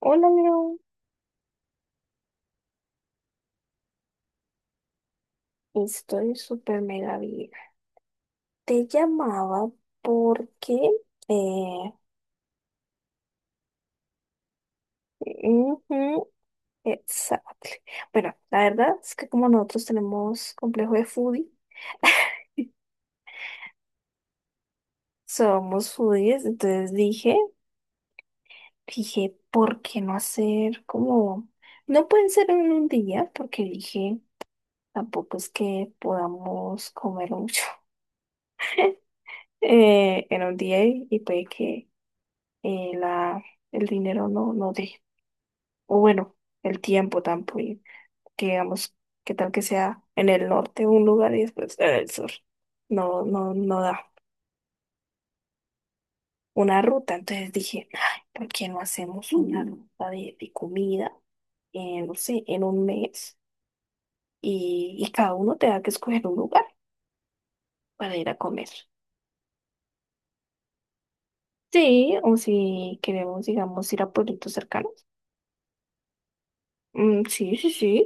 Hola, Leo. Estoy súper mega bien. Te llamaba porque. Eh, ujú, exacto. Bueno, la verdad es que como nosotros tenemos complejo de foodie, somos foodies, entonces dije, ¿por qué no hacer como. No pueden ser en un día, porque dije, tampoco es que podamos comer mucho en un día y puede que eh, la, el dinero no dé. O bueno, el tiempo tampoco, que digamos, qué tal que sea en el norte un lugar y después en el sur. No, no, no da una ruta. Entonces dije, ay, ¿por qué no hacemos una ruta de comida, no sé, ¿en un mes? Y cada uno te da que escoger un lugar para ir a comer. Sí, o si queremos, digamos, ir a pueblitos cercanos. Mm, sí, sí, sí.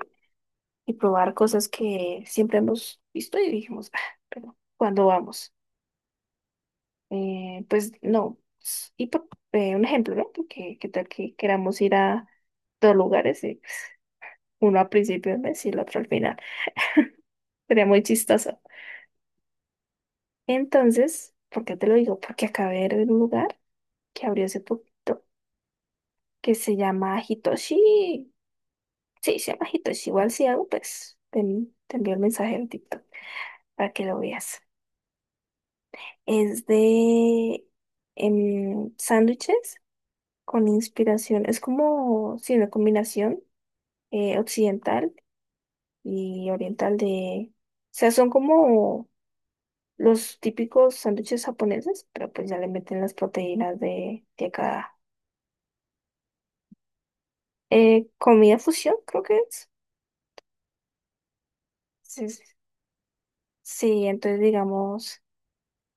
Y probar cosas que siempre hemos visto y dijimos, ah, pero ¿cuándo vamos? Pues no. Y por un ejemplo, ¿no? Porque qué tal que queramos ir a dos lugares, y, pues, uno al principio del mes y el otro al final. Sería muy chistoso. Entonces, ¿por qué te lo digo? Porque acabé de ver un lugar que abrió hace poquito que se llama Hitoshi. Sí, se llama Hitoshi. Igual si algo, pues te envío el mensaje en TikTok para que lo veas. Es de sándwiches con inspiración. Es como, sí, una combinación occidental y oriental de. O sea, son como los típicos sándwiches japoneses, pero pues ya le meten las proteínas de acá. Comida fusión, creo que es. Sí, sí, sí, entonces digamos,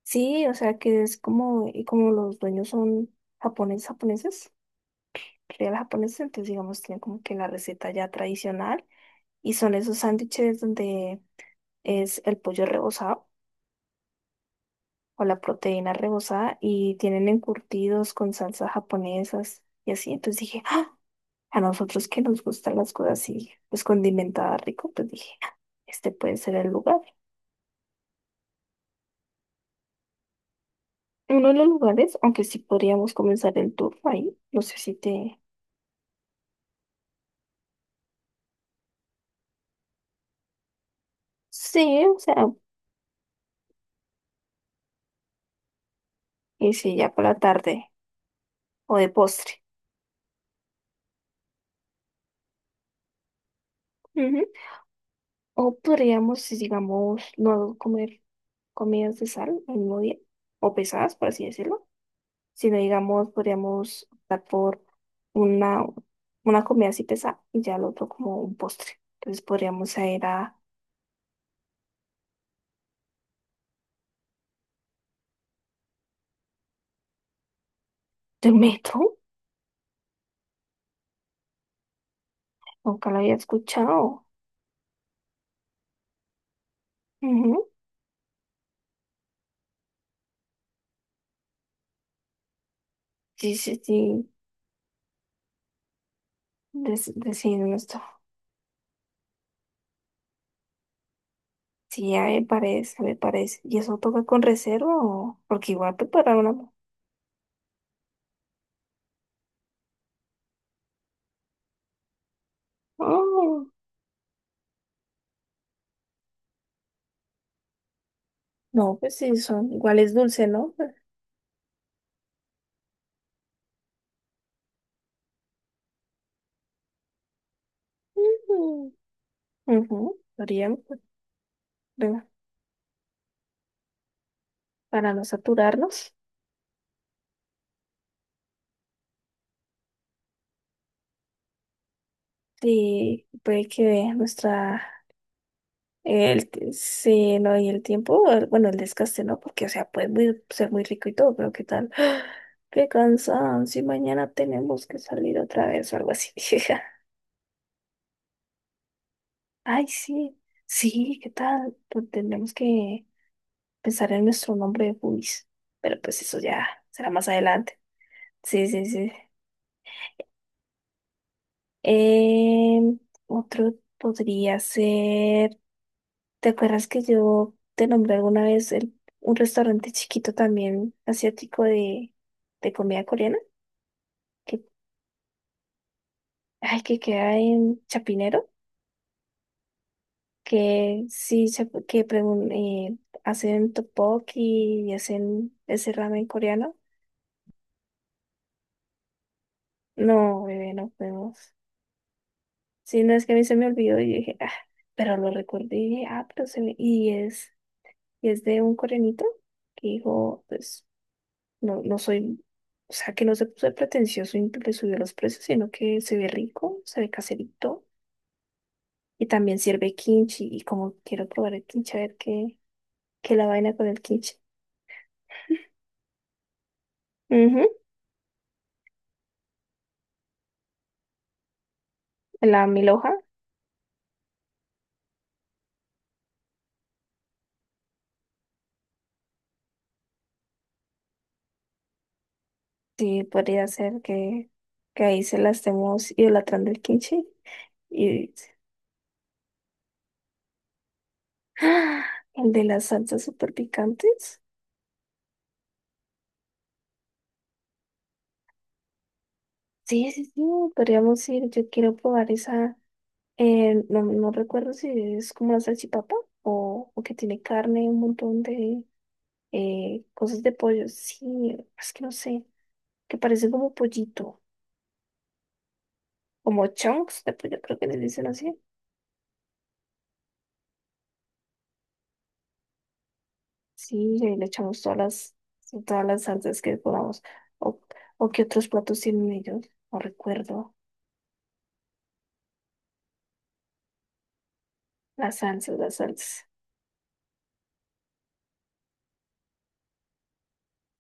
sí, o sea que es como, y como los dueños son japoneses, japoneses, real japoneses, entonces digamos, tienen como que la receta ya tradicional y son esos sándwiches donde es el pollo rebozado o la proteína rebozada y tienen encurtidos con salsas japonesas y así. Entonces dije, ¡ah! A nosotros que nos gustan las cosas así, pues condimentadas rico, pues dije, "Ah, este puede ser el lugar." Uno de los lugares, aunque sí podríamos comenzar el tour ahí, no sé si te. Sí, o sea, y si ya por la tarde o de postre. Ujú. O podríamos, si digamos, no comer comidas de sal el mismo día, o pesadas, por así decirlo, sino digamos, podríamos optar por una, una comida así pesada y ya el otro como un postre. Entonces podríamos ir a del metro, nunca lo había escuchado. Ujú. Sí, sí, sí, decidimos esto. Sí, ya me parece, me parece. ¿Y eso toca con reserva o? Porque igual preparar una. Oh, no, pues sí, son iguales dulce, ¿no? Ujú. Ujú. Podríamos, bueno, para no saturarnos. Sí, puede que vea nuestra. Sí, no, y el tiempo, bueno, el desgaste, ¿no? Porque, o sea, puede ser muy rico y todo, pero ¿qué tal? Qué cansancio, y mañana tenemos que salir otra vez o algo así. Ay, sí, sí, ¿qué tal? Pues tendremos que pensar en nuestro nombre de Pubis, pero pues eso ya será más adelante. Sí, sí, sí. Em, otro podría ser. ¿Te acuerdas que yo te nombré alguna vez un restaurante chiquito también asiático de comida coreana? Que, ay, que queda en Chapinero, que sí, hacen tteokbokki y hacen ese ramen coreano. No, bebé, no podemos. Sí, no, es que a mí se me olvidó y yo dije, ah, pero lo recordé y dije, ah, pero se me. Y es de un coreanito que dijo, pues. No, no soy, o sea, que no se puso de pretencioso y le subió los precios, sino que se ve rico, se ve caserito y también sirve kimchi. Y como quiero probar el kimchi, a ver qué la vaina con el kimchi. Ujú, la mil hoja, sí, podría ser que ahí se la estemos idolatrando el kimchi. Y ¡ah! el de las salsas super picantes. Sí, sí, sí, podríamos ir. Yo quiero probar esa. No, no recuerdo si es como una salchipapa o que tiene carne, un montón de cosas de pollo. Sí, es que no sé, que parece como pollito, como chunks de pollo, creo que le dicen así. Sí, y ahí le echamos todas las salsas que podamos. O, o qué otros platos tienen ellos, no recuerdo. Las salsas, las salsas.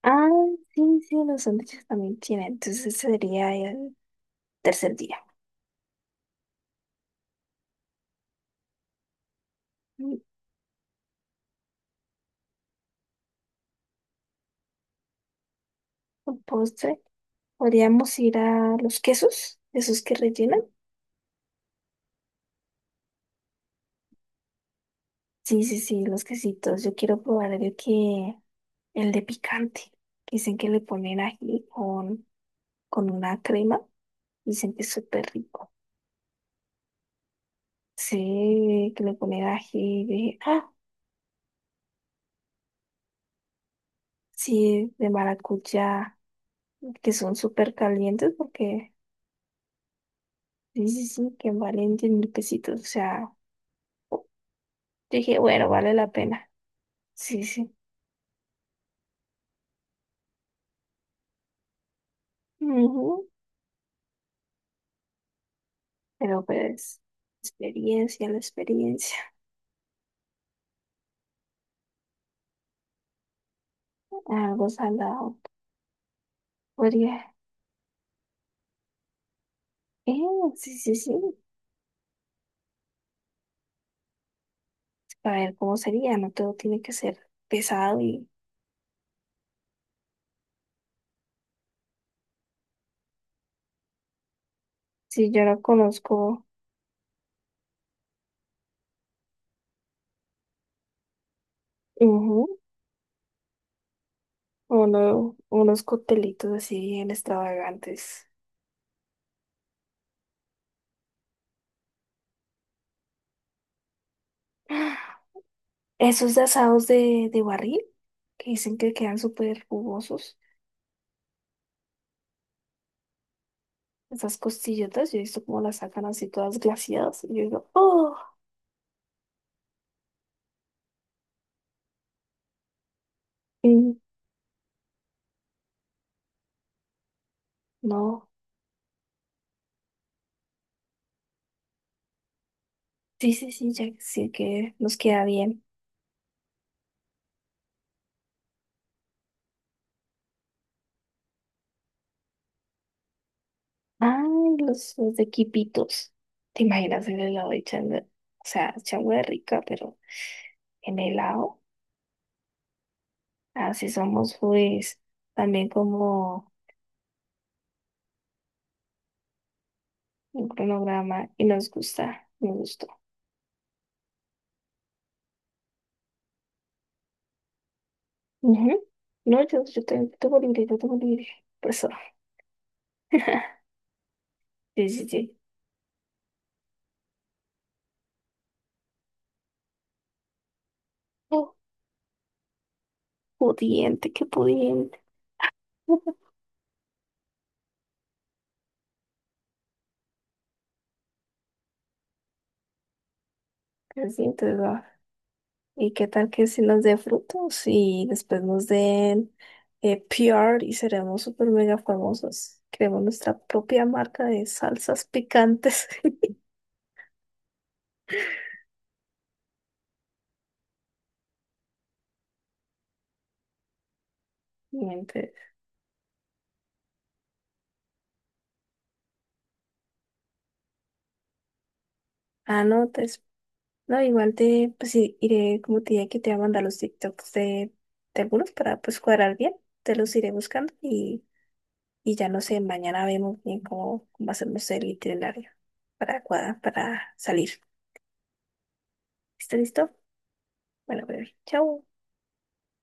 Ah, sí, sí, los sándwiches también tienen. Entonces ese sería el tercer día. Mm, un postre. Podríamos ir a los quesos, esos que rellenan. Sí, sí, sí, los quesitos. Yo quiero probar el que, el de picante. Dicen que le ponen ají con una crema. Dicen que es súper rico. Sí, que le ponen ají de, ah, sí, de maracuyá, que son súper calientes porque, sí, sí, sí, que valen 10 mil pesitos. O sea, dije, bueno, vale la pena. Sí, sí. Ujú. Pero pues, experiencia, la experiencia. Algo salado. Podría. Eh, sí, sí, sí. Para ver cómo sería. No todo tiene que ser pesado. Y si yo no conozco, ujú, unos coctelitos así bien extravagantes. Esos de asados de barril que dicen que quedan súper jugosos. Esas costillotas, yo he visto cómo las sacan así todas glaciadas. Y yo digo, oh, mm, no. Sí, sí, sí, ya sí que nos queda bien. Ay, los de Quipitos. ¿Te imaginas el helado de changua? O sea, changua es rica, pero en helado. Así somos, pues, también como un cronograma y nos gusta, me gustó. Ujú. No, yo tengo libre, yo tengo libre. Por eso. Sí, sí, sí. Oh, pudiente, qué pudiente. Así entonces, va. ¿Y qué tal que si nos dé frutos y después nos den PR y seremos súper mega famosos? Creemos nuestra propia marca de salsas picantes. Miente. Ah, no, no, igual te, pues sí, iré, como te dije que te voy a mandar los TikToks de algunos para pues cuadrar bien. Te los iré buscando y ya no sé, mañana vemos bien cómo hacemos el itinerario para cuadrar, para salir. ¿Está listo? Bueno, bebé, chao.